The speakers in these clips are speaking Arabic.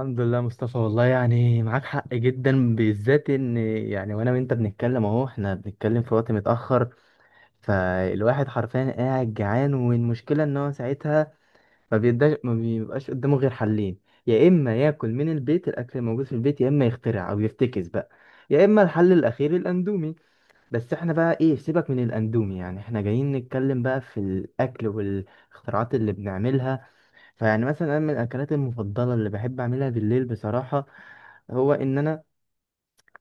الحمد لله مصطفى، والله يعني معاك حق جدا، بالذات ان يعني وانا وانت بنتكلم اهو. احنا بنتكلم في وقت متأخر، فالواحد حرفيا قاعد جعان. والمشكلة ان هو ساعتها ما بيبقاش قدامه غير حلين: يا اما ياكل من البيت الاكل الموجود في البيت، يا اما يخترع او يفتكس بقى، يا اما الحل الاخير الاندومي. بس احنا بقى ايه، سيبك من الاندومي، يعني احنا جايين نتكلم بقى في الاكل والاختراعات اللي بنعملها. فيعني مثلا انا من الاكلات المفضله اللي بحب اعملها بالليل بصراحه، هو ان انا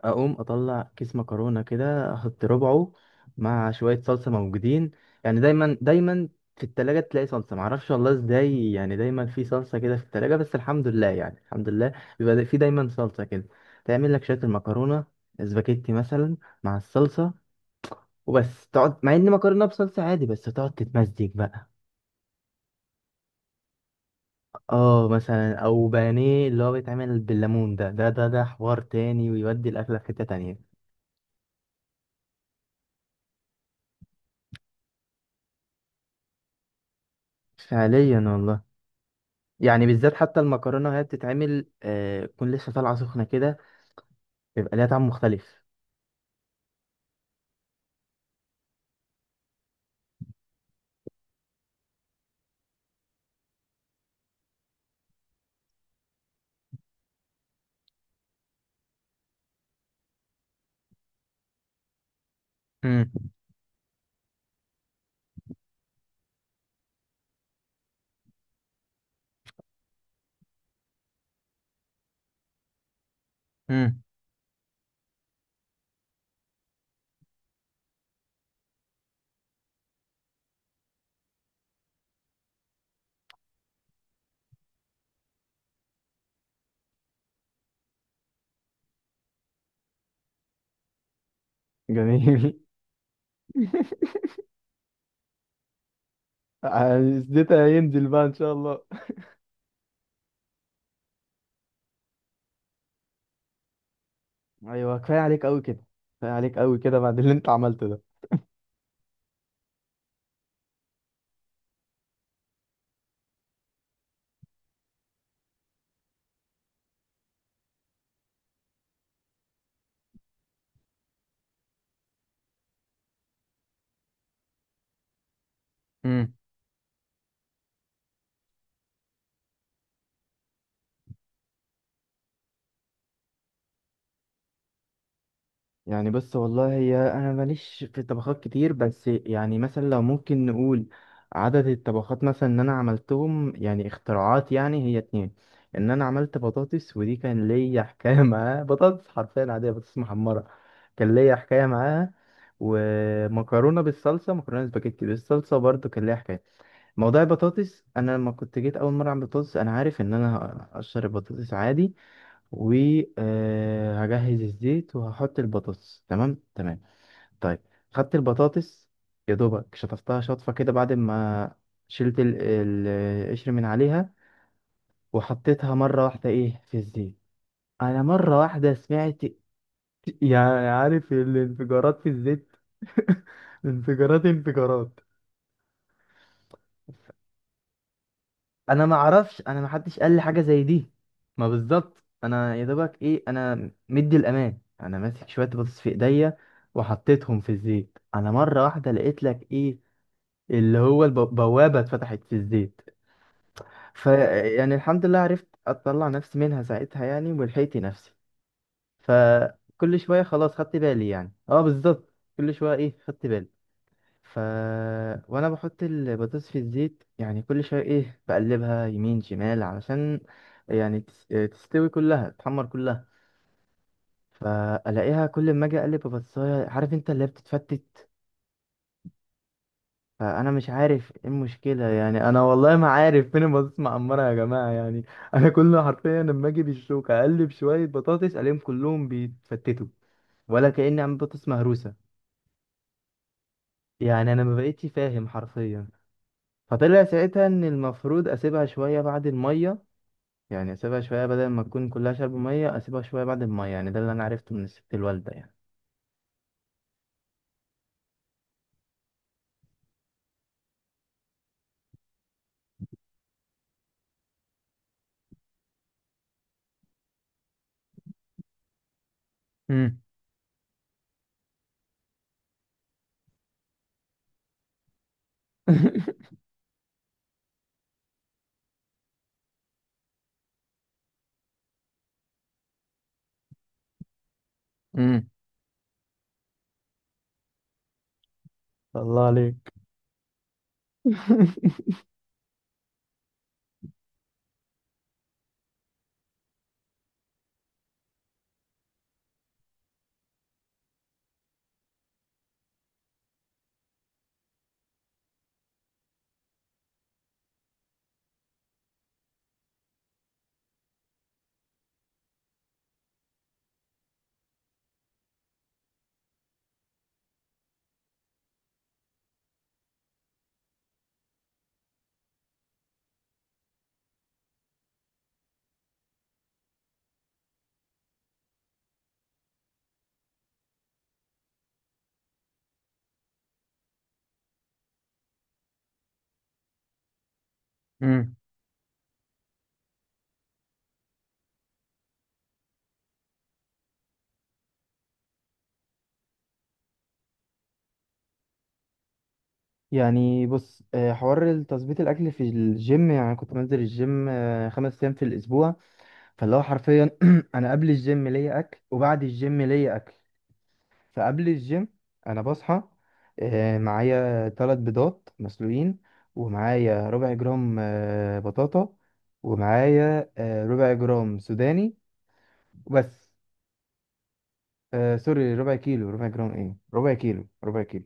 اقوم اطلع كيس مكرونه كده، احط ربعه مع شويه صلصه موجودين. يعني دايما دايما في التلاجة تلاقي صلصة، معرفش والله ازاي، يعني دايما في صلصة كده في التلاجة، بس الحمد لله يعني الحمد لله بيبقى في دايما صلصة كده. تعمل لك شوية المكرونة، سباكيتي مثلا، مع الصلصة، وبس تقعد، مع ان مكرونة بصلصة عادي، بس تقعد تتمزج بقى. اه مثلا، او بانيه اللي هو بيتعمل بالليمون، ده ده ده ده حوار تاني ويودي الاكله في حته تانية. فعليا والله. يعني بالذات حتى المكرونه وهي بتتعمل تكون لسه طالعه سخنه كده، بيبقى ليها طعم مختلف. امم امم. جميل. زيتها هينزل بقى ان شاء الله. ايوه، كفايه عليك قوي كده، كفايه عليك قوي كده بعد اللي انت عملته ده. يعني بص والله، هي انا ماليش في الطبخات كتير، بس يعني مثلا لو ممكن نقول عدد الطبخات مثلا ان انا عملتهم يعني اختراعات، يعني هي 2: ان انا عملت بطاطس، ودي كان ليا حكاية معاها، بطاطس حرفيا عادية، بطاطس محمرة، كان ليا حكاية معاها، ومكرونة بالصلصة، مكرونة سباجيتي بالصلصة برضو كان ليا حكاية. موضوع البطاطس، انا لما كنت جيت اول مرة اعمل بطاطس، انا عارف ان انا هقشر البطاطس عادي، وهجهز الزيت، وهحط البطاطس، تمام تمام. طيب، خدت البطاطس، يا دوبك شطفتها شطفة كده، بعد ما شلت القشر من عليها، وحطيتها مرة واحدة ايه في الزيت. انا مرة واحدة سمعت، يعني عارف الانفجارات في الزيت. انفجارات، انفجارات. انا ما اعرفش، انا ما حدش قال لي حاجه زي دي. ما بالظبط، انا يا دوبك ايه، انا مدي الامان انا ماسك شويه بطاطس في ايديا، وحطيتهم في الزيت، انا مره واحده لقيت لك ايه، اللي هو البوابه اتفتحت في الزيت. ف يعني الحمد لله عرفت اطلع نفسي منها ساعتها يعني، ولحقت نفسي. فكل شويه خلاص خدت بالي، يعني اه بالظبط كل شويه ايه خدت بالي. ف وانا بحط البطاطس في الزيت، يعني كل شويه ايه بقلبها يمين شمال علشان يعني تستوي كلها، تحمر كلها. فالاقيها كل ما اجي اقلب ببصايه، عارف انت اللي هي بتتفتت. فانا مش عارف ايه المشكله يعني، انا والله ما عارف فين البطاطس معمره يا جماعه يعني. انا كل حرفيا لما اجي بالشوكه اقلب شويه بطاطس، الاقيهم كلهم بيتفتتوا، ولا كاني عم بطاطس مهروسه. يعني انا ما بقيتش فاهم حرفيا. فطلع ساعتها ان المفروض اسيبها شويه بعد الميه، يعني اسيبها شويه بدل ما تكون كلها شرب ميه، اسيبها شويه بعد الميه، يعني ده اللي انا عرفته من الست الوالده يعني. امم امم. الله عليك. امم. يعني بص، حوار تظبيط الاكل في الجيم، يعني كنت بنزل الجيم 5 ايام في الاسبوع. فاللي هو حرفيا انا قبل الجيم ليا اكل وبعد الجيم ليا اكل. فقبل الجيم انا بصحى معايا 3 بيضات مسلوقين، ومعايا ربع جرام بطاطا، ومعايا ربع جرام سوداني، وبس. سوري، ربع كيلو، ربع جرام ايه، ربع كيلو، ربع كيلو.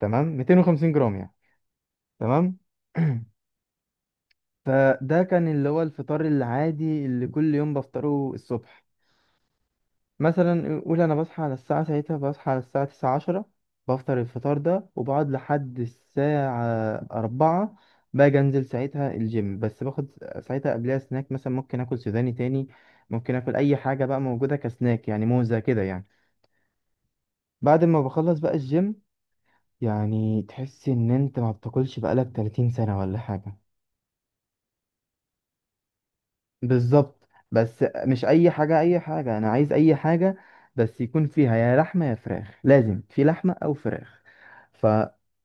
تمام، 250 جرام يعني. تمام فده كان اللي هو الفطار العادي اللي كل يوم بفطره الصبح. مثلا قول انا بصحى على الساعه، ساعتها بصحى على الساعه 9:10، بفطر الفطار ده وبقعد لحد الساعه 4. باجي انزل ساعتها الجيم، بس باخد ساعتها قبلها سناك، مثلا ممكن اكل سوداني تاني، ممكن اكل اي حاجه بقى موجوده كسناك، يعني موزه كده يعني. بعد ما بخلص بقى الجيم، يعني تحس ان انت ما بتاكلش بقالك 30 سنه ولا حاجه. بالظبط، بس مش اي حاجه، اي حاجه انا عايز اي حاجه، بس يكون فيها يا لحمه يا فراخ، لازم في لحمه او فراخ. ف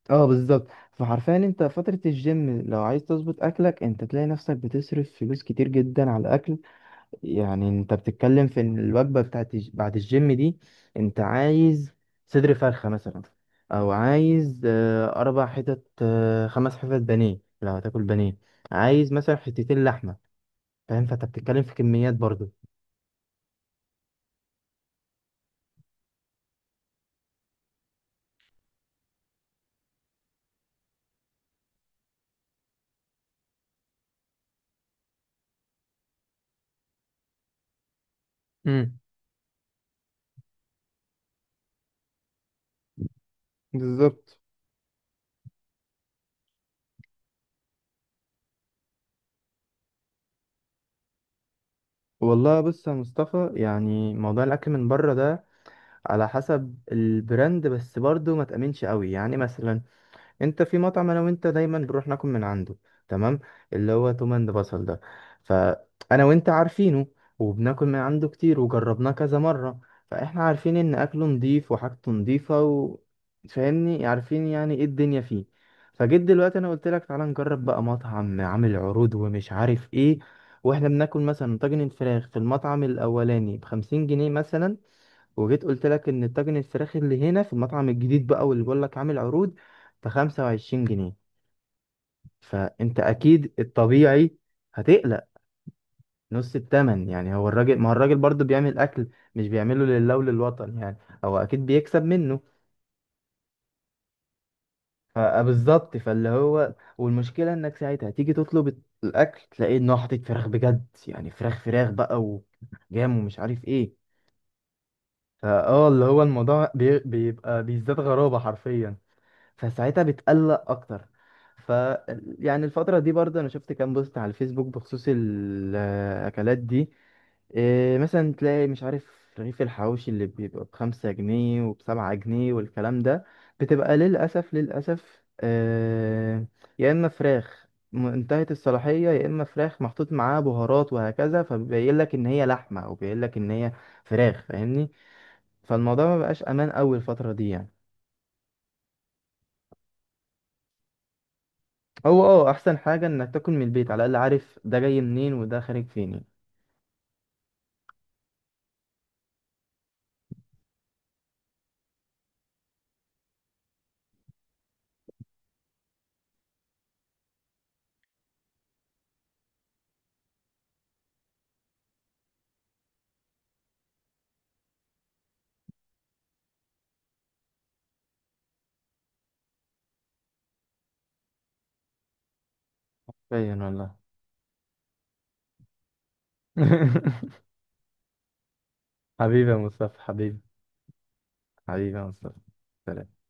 اه بالظبط. فحرفيا انت فتره الجيم لو عايز تظبط اكلك، انت تلاقي نفسك بتصرف فلوس كتير جدا على الاكل. يعني انت بتتكلم في ان الوجبه بتاعت بعد الجيم دي، انت عايز صدر فرخه مثلا، او عايز 4 حتت، 5 حتت بانيه لو هتاكل بانيه، عايز مثلا حتتين لحمه، فاهم. فانت بتتكلم في كميات برضو. امم، بالظبط. والله بص يا مصطفى، يعني موضوع الاكل من بره ده على حسب البراند، بس برضو ما تأمنش قوي. يعني مثلا انت في مطعم انا وانت دايما بنروح ناكل من عنده، تمام، اللي هو توم اند بصل ده، فانا وانت عارفينه، وبناكل من عنده كتير، وجربناه كذا مرة. فاحنا عارفين ان اكله نضيف وحاجته نضيفة و... فاهمني، عارفين يعني ايه الدنيا فيه. فجيت دلوقتي انا قلت لك تعالى نجرب بقى مطعم عامل عروض ومش عارف ايه، واحنا بناكل مثلا طاجن الفراخ في المطعم الاولاني بخمسين جنيه مثلا، وجيت قلت لك ان طاجن الفراخ اللي هنا في المطعم الجديد بقى، واللي بقول لك عامل عروض بخمسة وعشرين جنيه. فانت اكيد الطبيعي هتقلق. نص التمن يعني، هو الراجل ما هو الراجل برضه بيعمل اكل، مش بيعمله لله وللوطن يعني، هو اكيد بيكسب منه. بالظبط، فاللي هو والمشكله انك ساعتها تيجي تطلب الاكل تلاقيه انه حاطط فراخ بجد يعني، فراخ فراخ بقى، وجام، ومش عارف ايه. فاه اللي هو الموضوع بيبقى بيزداد غرابه حرفيا. فساعتها بتقلق اكتر. ف يعني الفترة دي برضه انا شفت كام بوست على الفيسبوك بخصوص الاكلات دي. إيه مثلا، تلاقي مش عارف رغيف الحواوشي اللي بيبقى بخمسة جنيه وبسبعة جنيه والكلام ده، بتبقى للأسف للأسف آه، يا إما فراخ انتهت الصلاحية، يا إما فراخ محطوط معاها بهارات وهكذا، فبيبين لك إن هي لحمة، أو بيبين لك إن هي فراخ، فاهمني. فالموضوع ما بقاش أمان أوي الفترة دي يعني. هو اه احسن حاجة انك تاكل من البيت على الاقل، عارف ده جاي منين وده خارج فين يعني. باين والله. حبيبي يا مصطفى حبيبي، حبيبي يا مصطفى، سلام.